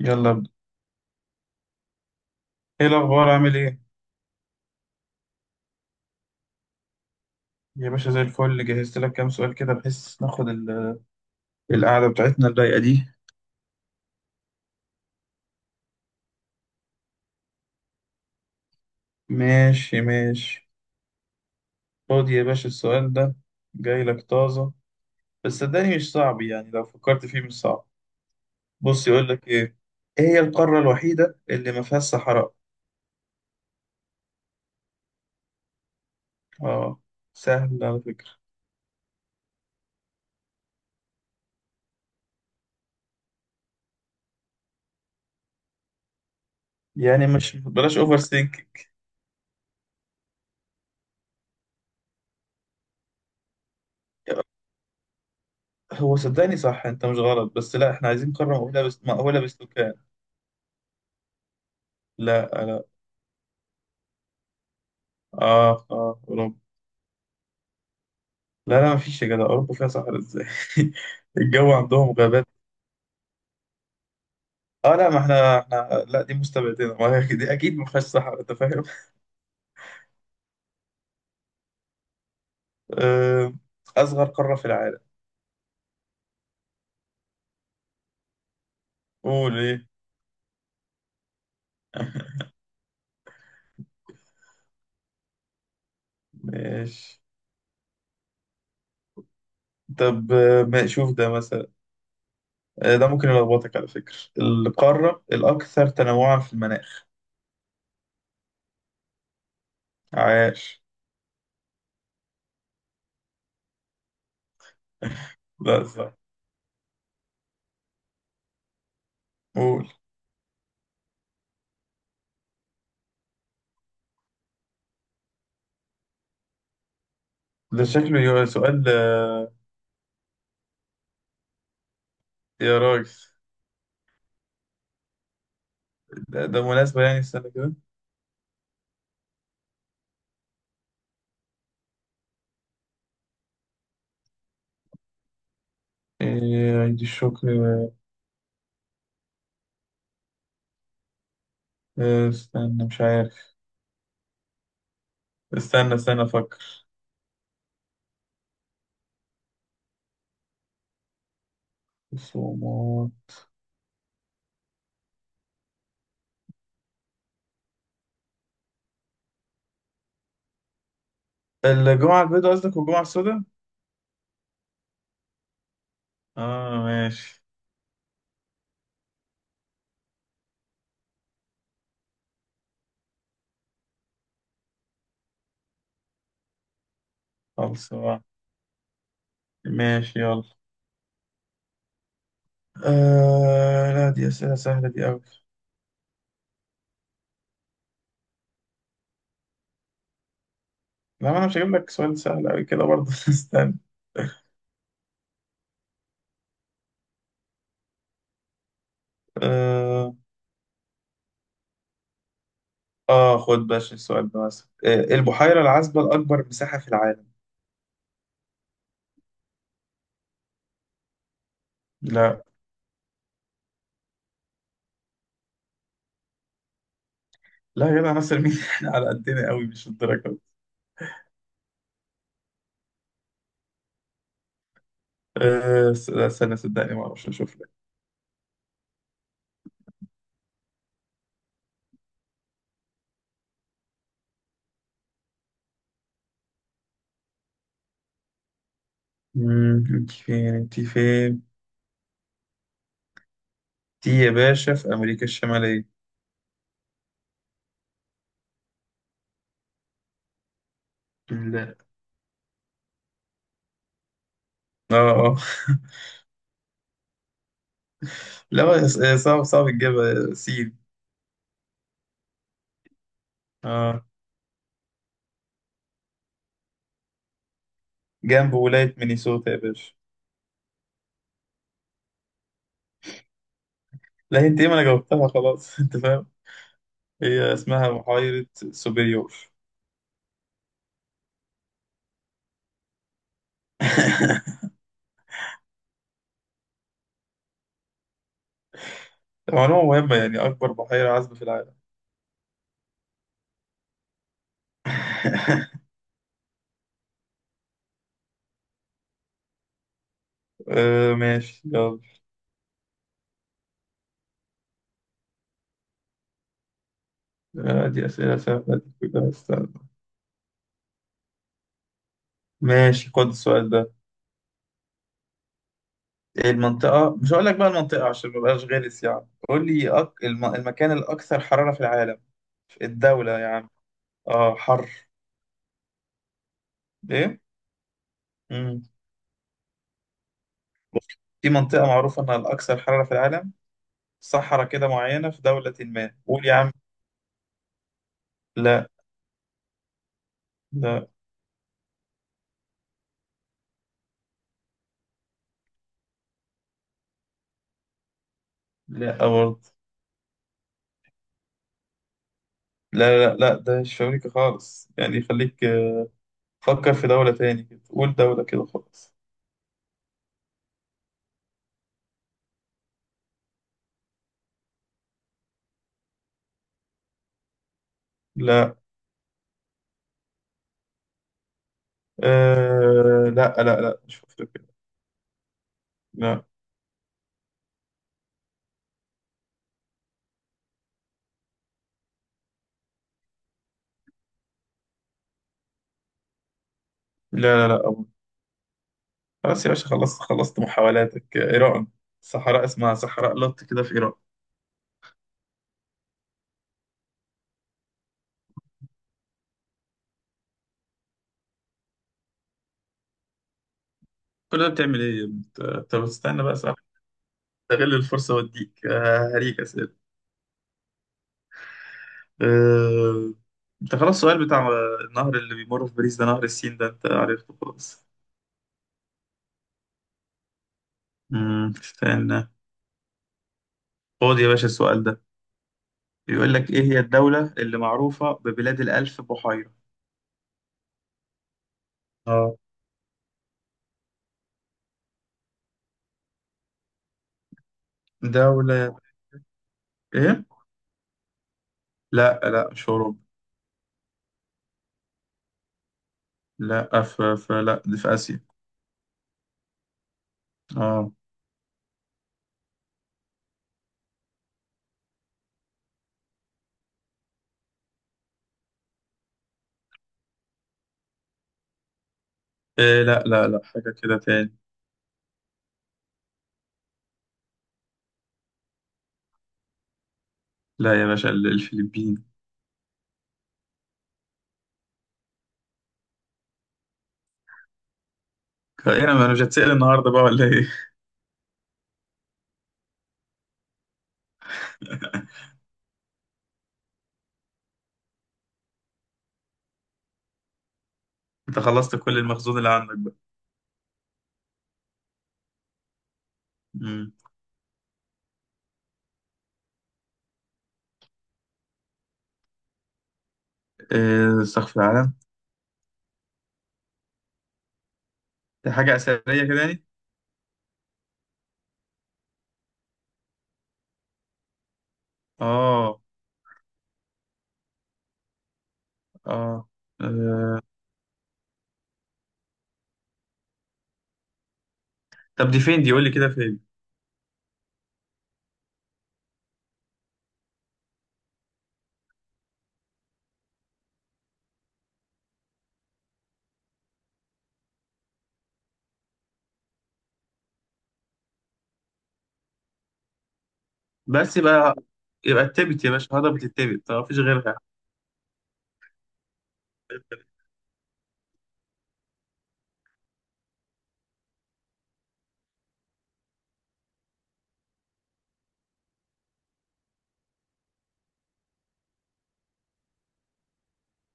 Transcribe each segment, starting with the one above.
يلا ابدأ. ايه الاخبار عامل ايه؟ يا باشا زي الفل، جهزت لك كام سؤال كده بحيث ناخد القعده بتاعتنا الضيقه دي. ماشي ماشي. خد يا باشا السؤال ده، جاي لك طازه، بس صدقني مش صعب، يعني لو فكرت فيه مش صعب. بص يقول لك ايه، ايه هي القاره الوحيده اللي ما فيهاش صحراء؟ اه سهل على فكره. يعني مش بلاش اوفر ثينك. هو صدقني صح، انت مش غلط، بس لا احنا عايزين قاره مأهوله، بس مأهوله بالسكان. لا لا اه اه اوروبا. لا لا مفيش يا جدع، أوروبا فيها صحراء إزاي؟ الجو عندهم غابات. اه لا، ما احنا لا دي مستبعدين، ما هي دي اكيد ما فيهاش صحراء، انت فاهم. آه، اصغر قارة في العالم. قول ايه. ماشي. طب ما شوف ده مثلا، ده ممكن يلخبطك على فكرة، القارة الأكثر تنوعا في المناخ. عاش. لا صح، قول. ده شكله سؤال. يا راجل. ده مناسبة يعني، استنى كده. إيه عيد الشكر. استنى مش عارف، استنى استنى افكر. خصومات. الجمعة البيضاء قصدك والجمعة السوداء؟ اه ماشي. خلص بقى. ماشي يلا. آه لا دي أسئلة سهلة دي أوي. لا ما أنا مش هجيب لك سؤال سهل أوي كده برضه استنى. آه, خد باش السؤال ده مثلا، البحيرة العذبة الأكبر مساحة في العالم. لا. لا يا جدع، ناصر مين احنا على قدنا أوي، مش الدرجة دي. لا استنى، صدقني ما أعرفش، أشوف لك. أنت فين؟ دي يا باشا في أمريكا الشمالية. لا. اه اه. لا صعب صعب تجيبها سين. اه. جنب ولاية مينيسوتا يا باشا. لا انت ايه، ما انا جاوبتها خلاص انت فاهم. هي اسمها بحيرة سوبريور. معلومة مهمة يعني، أكبر بحيرة عذبة في العالم. ماشي يلا. آه دي أسئلة سهلة دي كلها، استنى. ماشي خد السؤال ده. المنطقة مش هقول لك بقى المنطقة عشان ما بقاش غلس، يعني قول لي المكان الأكثر حرارة في العالم. الدولة يعني. اه حر. إيه؟ في منطقة معروفة إنها الأكثر حرارة في العالم، صحراء كده معينة في دولة، ما قول يا عم. لا لا لا برضه. لا لا لا، ده مش في أمريكا خالص، يعني خليك، فكر في دولة تاني كده، قول دولة كده خالص. لا. آه لا لا لا مش في أفريقيا. لا لا لا لا أبو. خلاص يا باشا، خلصت خلصت محاولاتك. إيران. صحراء اسمها صحراء لوط كده في إيران. كل ده بتعمل إيه يا ابني؟ أنت بتستنى بقى صح. استغل الفرصة وأديك، هريك أسئلة. آه، انت خلاص السؤال بتاع النهر اللي بيمر في باريس، ده نهر السين، ده انت عرفته خلاص. استنى. خد يا باشا السؤال ده، بيقول لك ايه هي الدولة اللي معروفة ببلاد الألف بحيرة. اه دولة ايه. لا لا مش اوروبا. لا في في لا دي في آسيا. اه. إيه لا لا لا، حاجة كده تاني. لا يا باشا، الفلبين. ايه أنا مش هتسأل النهارده بقى ولا ايه. انت خلصت كل المخزون اللي عندك بقى. امم إيه سقف العالم؟ دي حاجة أثرية كده يعني؟ آه آه آه. طب دي فين، دي قول لي كده فين. بس يبقى يبقى التبت يا باشا، هضبة التبت ما فيش غيرها.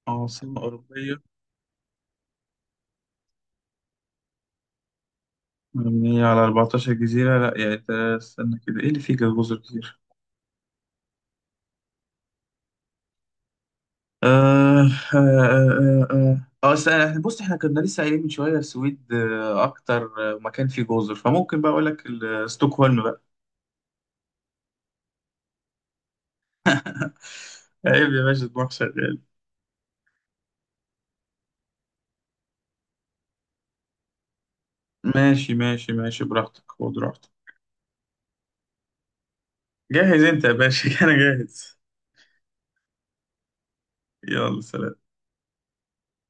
عاصمة أوروبية مبنية على 14 جزيرة؟ لا يعني استنى كده، إيه اللي فيه جزر كتير. آه استنى، بص، إحنا كنا لسه قايلين من شوية السويد، أكتر مكان فيه جزر، فممكن بقى أقول لك ستوكهولم بقى. عيب يا باشا، دماغ شغال. ماشي ماشي ماشي، براحتك خد راحتك. جاهز أنت يا باشا أنا جاهز. يلا سلام.